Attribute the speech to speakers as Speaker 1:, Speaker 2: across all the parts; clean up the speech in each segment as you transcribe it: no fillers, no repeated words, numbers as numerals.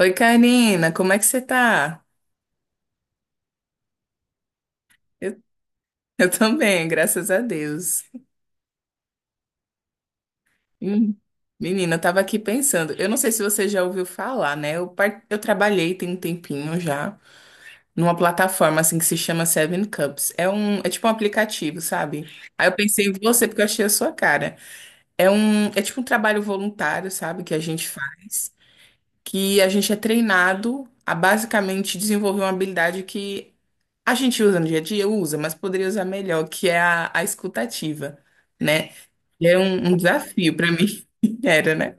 Speaker 1: Oi, Karina, como é que você tá? Eu, eu também, graças a Deus. Hum. Menina, eu tava aqui pensando, eu não sei se você já ouviu falar, né? Eu trabalhei tem um tempinho já numa plataforma assim que se chama Seven Cups. É tipo um aplicativo, sabe? Aí eu pensei em você porque eu achei a sua cara. É tipo um trabalho voluntário, sabe, que a gente faz, que a gente é treinado a basicamente desenvolver uma habilidade que a gente usa no dia a dia, usa, mas poderia usar melhor, que é a escutativa, né? E é um desafio para mim, era, né?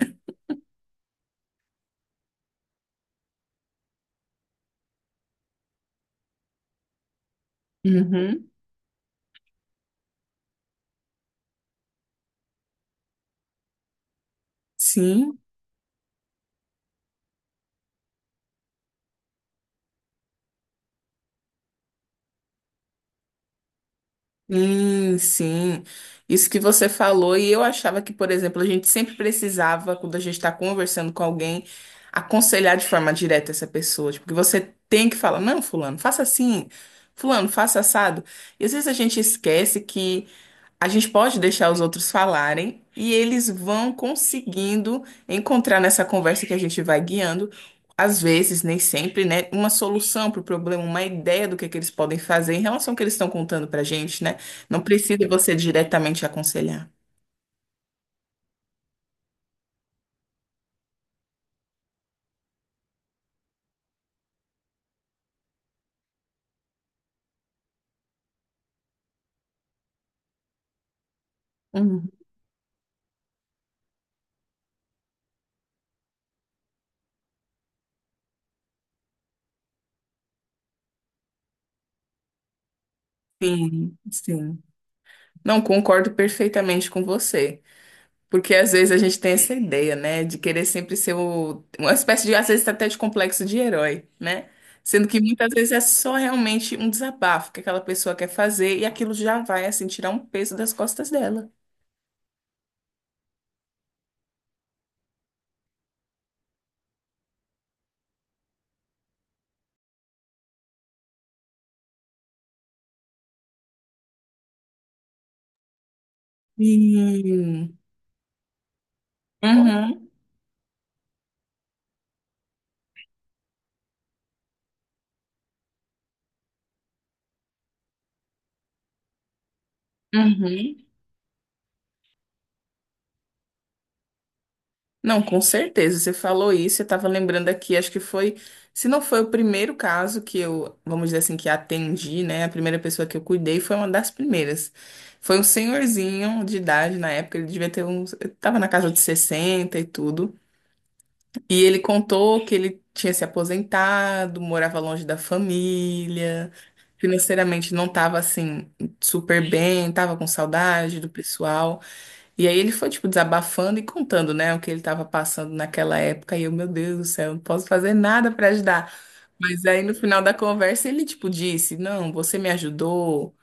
Speaker 1: Uhum. Sim. Sim, sim. Isso que você falou, e eu achava que, por exemplo, a gente sempre precisava, quando a gente está conversando com alguém, aconselhar de forma direta essa pessoa. Tipo, que você tem que falar, não, fulano, faça assim, fulano, faça assado. E às vezes a gente esquece que a gente pode deixar os outros falarem e eles vão conseguindo encontrar nessa conversa que a gente vai guiando, às vezes, nem sempre, né, uma solução para o problema, uma ideia do que é que eles podem fazer em relação ao que eles estão contando para gente, né? Não precisa você diretamente aconselhar. Uhum. Sim, sim. Não concordo perfeitamente com você. Porque às vezes a gente tem essa ideia, né, de querer sempre uma espécie de, às vezes até de complexo de herói, né? Sendo que muitas vezes é só realmente um desabafo que aquela pessoa quer fazer e aquilo já vai, assim, tirar um peso das costas dela. Sim. Uhum, uhum. Não, com certeza. Você falou isso, eu estava lembrando aqui, acho que foi, se não foi o primeiro caso que eu, vamos dizer assim, que atendi, né? A primeira pessoa que eu cuidei foi uma das primeiras. Foi um senhorzinho de idade na época, ele devia ter uns, estava na casa de 60 e tudo. E ele contou que ele tinha se aposentado, morava longe da família, financeiramente não estava assim super bem, estava com saudade do pessoal. E aí ele foi, tipo, desabafando e contando, né, o que ele estava passando naquela época. E eu, meu Deus do céu, não posso fazer nada para ajudar. Mas aí no final da conversa ele, tipo, disse: Não, você me ajudou,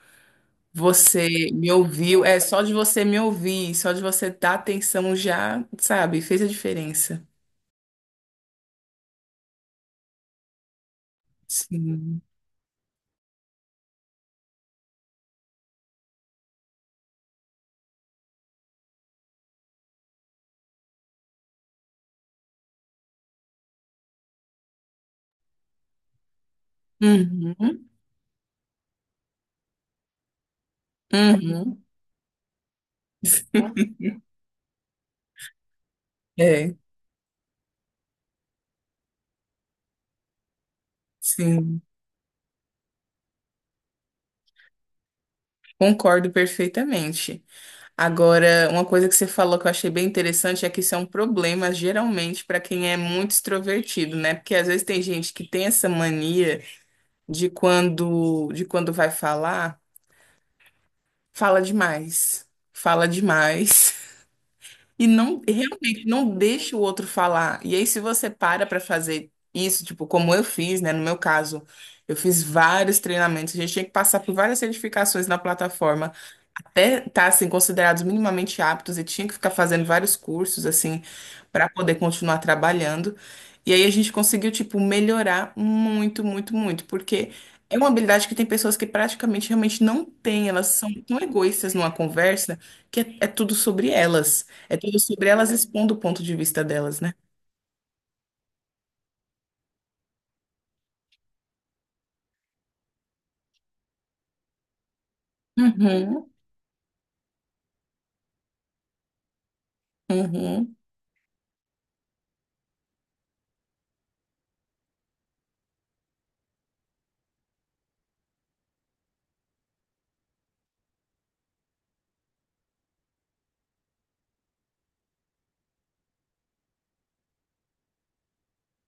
Speaker 1: você me ouviu. É só de você me ouvir, só de você dar atenção já, sabe, fez a diferença. Sim. Uhum. Uhum. É, sim. Concordo perfeitamente. Agora, uma coisa que você falou que eu achei bem interessante é que isso é um problema, geralmente, para quem é muito extrovertido, né? Porque às vezes tem gente que tem essa mania de quando vai falar, fala demais, fala demais, e não realmente não deixa o outro falar. E aí, se você para para fazer isso, tipo, como eu fiz, né? No meu caso, eu fiz vários treinamentos, a gente tinha que passar por várias certificações na plataforma, até estar assim considerados minimamente aptos e tinha que ficar fazendo vários cursos assim para poder continuar trabalhando. E aí a gente conseguiu tipo melhorar muito, muito, muito, porque é uma habilidade que tem pessoas que praticamente realmente não têm, elas são tão egoístas numa conversa que é tudo sobre elas, é tudo sobre elas expondo o ponto de vista delas, né? Uhum, uhum,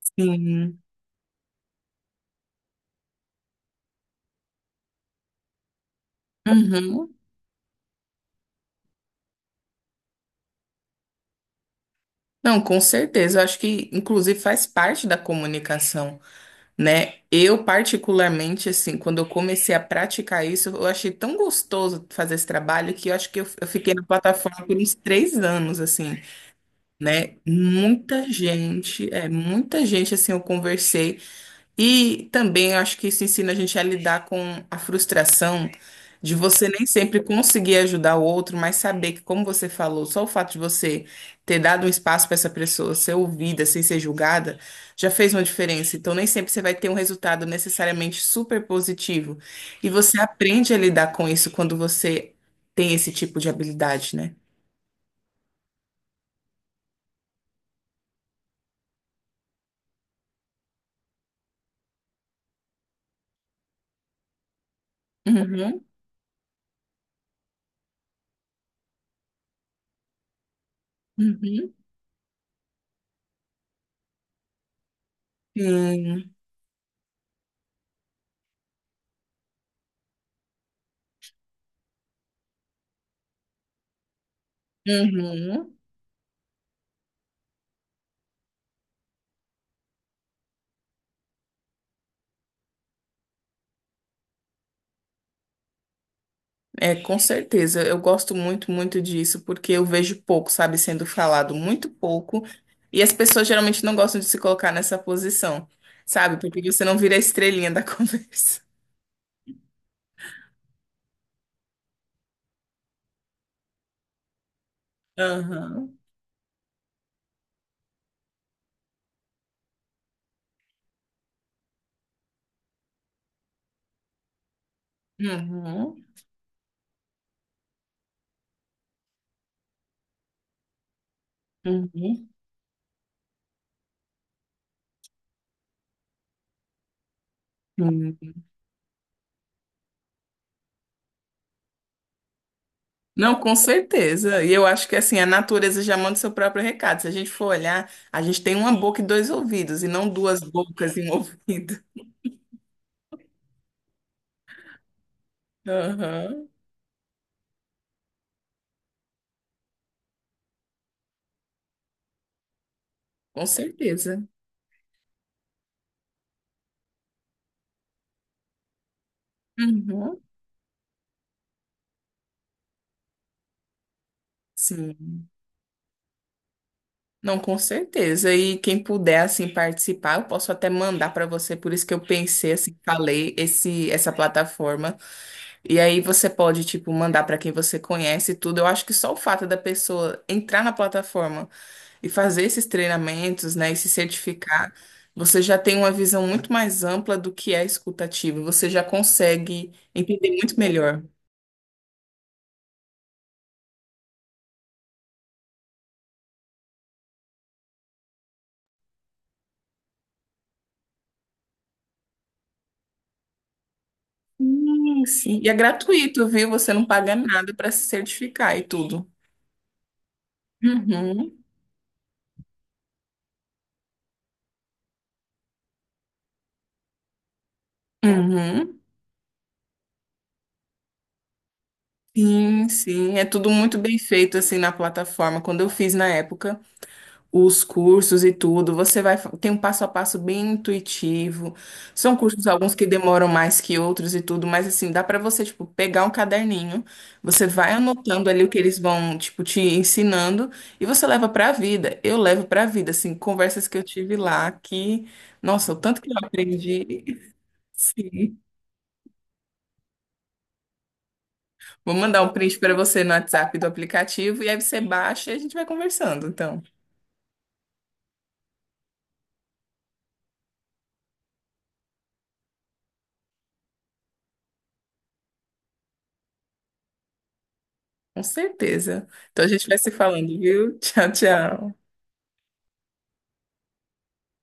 Speaker 1: sim, uhum. Não, com certeza. Eu acho que, inclusive, faz parte da comunicação, né? Eu, particularmente, assim, quando eu comecei a praticar isso, eu achei tão gostoso fazer esse trabalho que eu acho que eu fiquei na plataforma por uns 3 anos, assim, né? Muita gente, é, muita gente, assim, eu conversei. E também eu acho que isso ensina a gente a lidar com a frustração de você nem sempre conseguir ajudar o outro, mas saber que, como você falou, só o fato de você ter dado um espaço para essa pessoa ser ouvida sem ser julgada já fez uma diferença. Então, nem sempre você vai ter um resultado necessariamente super positivo. E você aprende a lidar com isso quando você tem esse tipo de habilidade, né? Uhum, uhum, sim, uhum. É, com certeza. Eu gosto muito, muito disso, porque eu vejo pouco, sabe, sendo falado muito pouco. E as pessoas geralmente não gostam de se colocar nessa posição, sabe? Porque você não vira a estrelinha da conversa. Aham. Uhum, uhum, uhum. Não, com certeza. E eu acho que assim, a natureza já manda o seu próprio recado. Se a gente for olhar, a gente tem uma boca e dois ouvidos, e não duas bocas e um ouvido. Aham. Com certeza. Uhum. Sim. Não, com certeza. E quem puder assim participar, eu posso até mandar para você. Por isso que eu pensei assim, falei esse essa plataforma. E aí você pode tipo mandar para quem você conhece e tudo. Eu acho que só o fato da pessoa entrar na plataforma e fazer esses treinamentos, né, e se certificar, você já tem uma visão muito mais ampla do que é escutativa. Você já consegue entender muito melhor. Sim, sim. E é gratuito, viu? Você não paga nada para se certificar e tudo. Uhum. Uhum. Sim, sim, é tudo muito bem feito assim na plataforma. Quando eu fiz na época os cursos e tudo, você vai tem um passo a passo bem intuitivo. São cursos alguns que demoram mais que outros e tudo, mas assim, dá pra você tipo pegar um caderninho, você vai anotando ali o que eles vão tipo te ensinando e você leva pra vida. Eu levo pra vida assim, conversas que eu tive lá que, nossa, o tanto que eu aprendi. Sim. Vou mandar um print para você no WhatsApp do aplicativo e aí você baixa e a gente vai conversando, então. Com certeza. Então a gente vai se falando, viu? Tchau, tchau.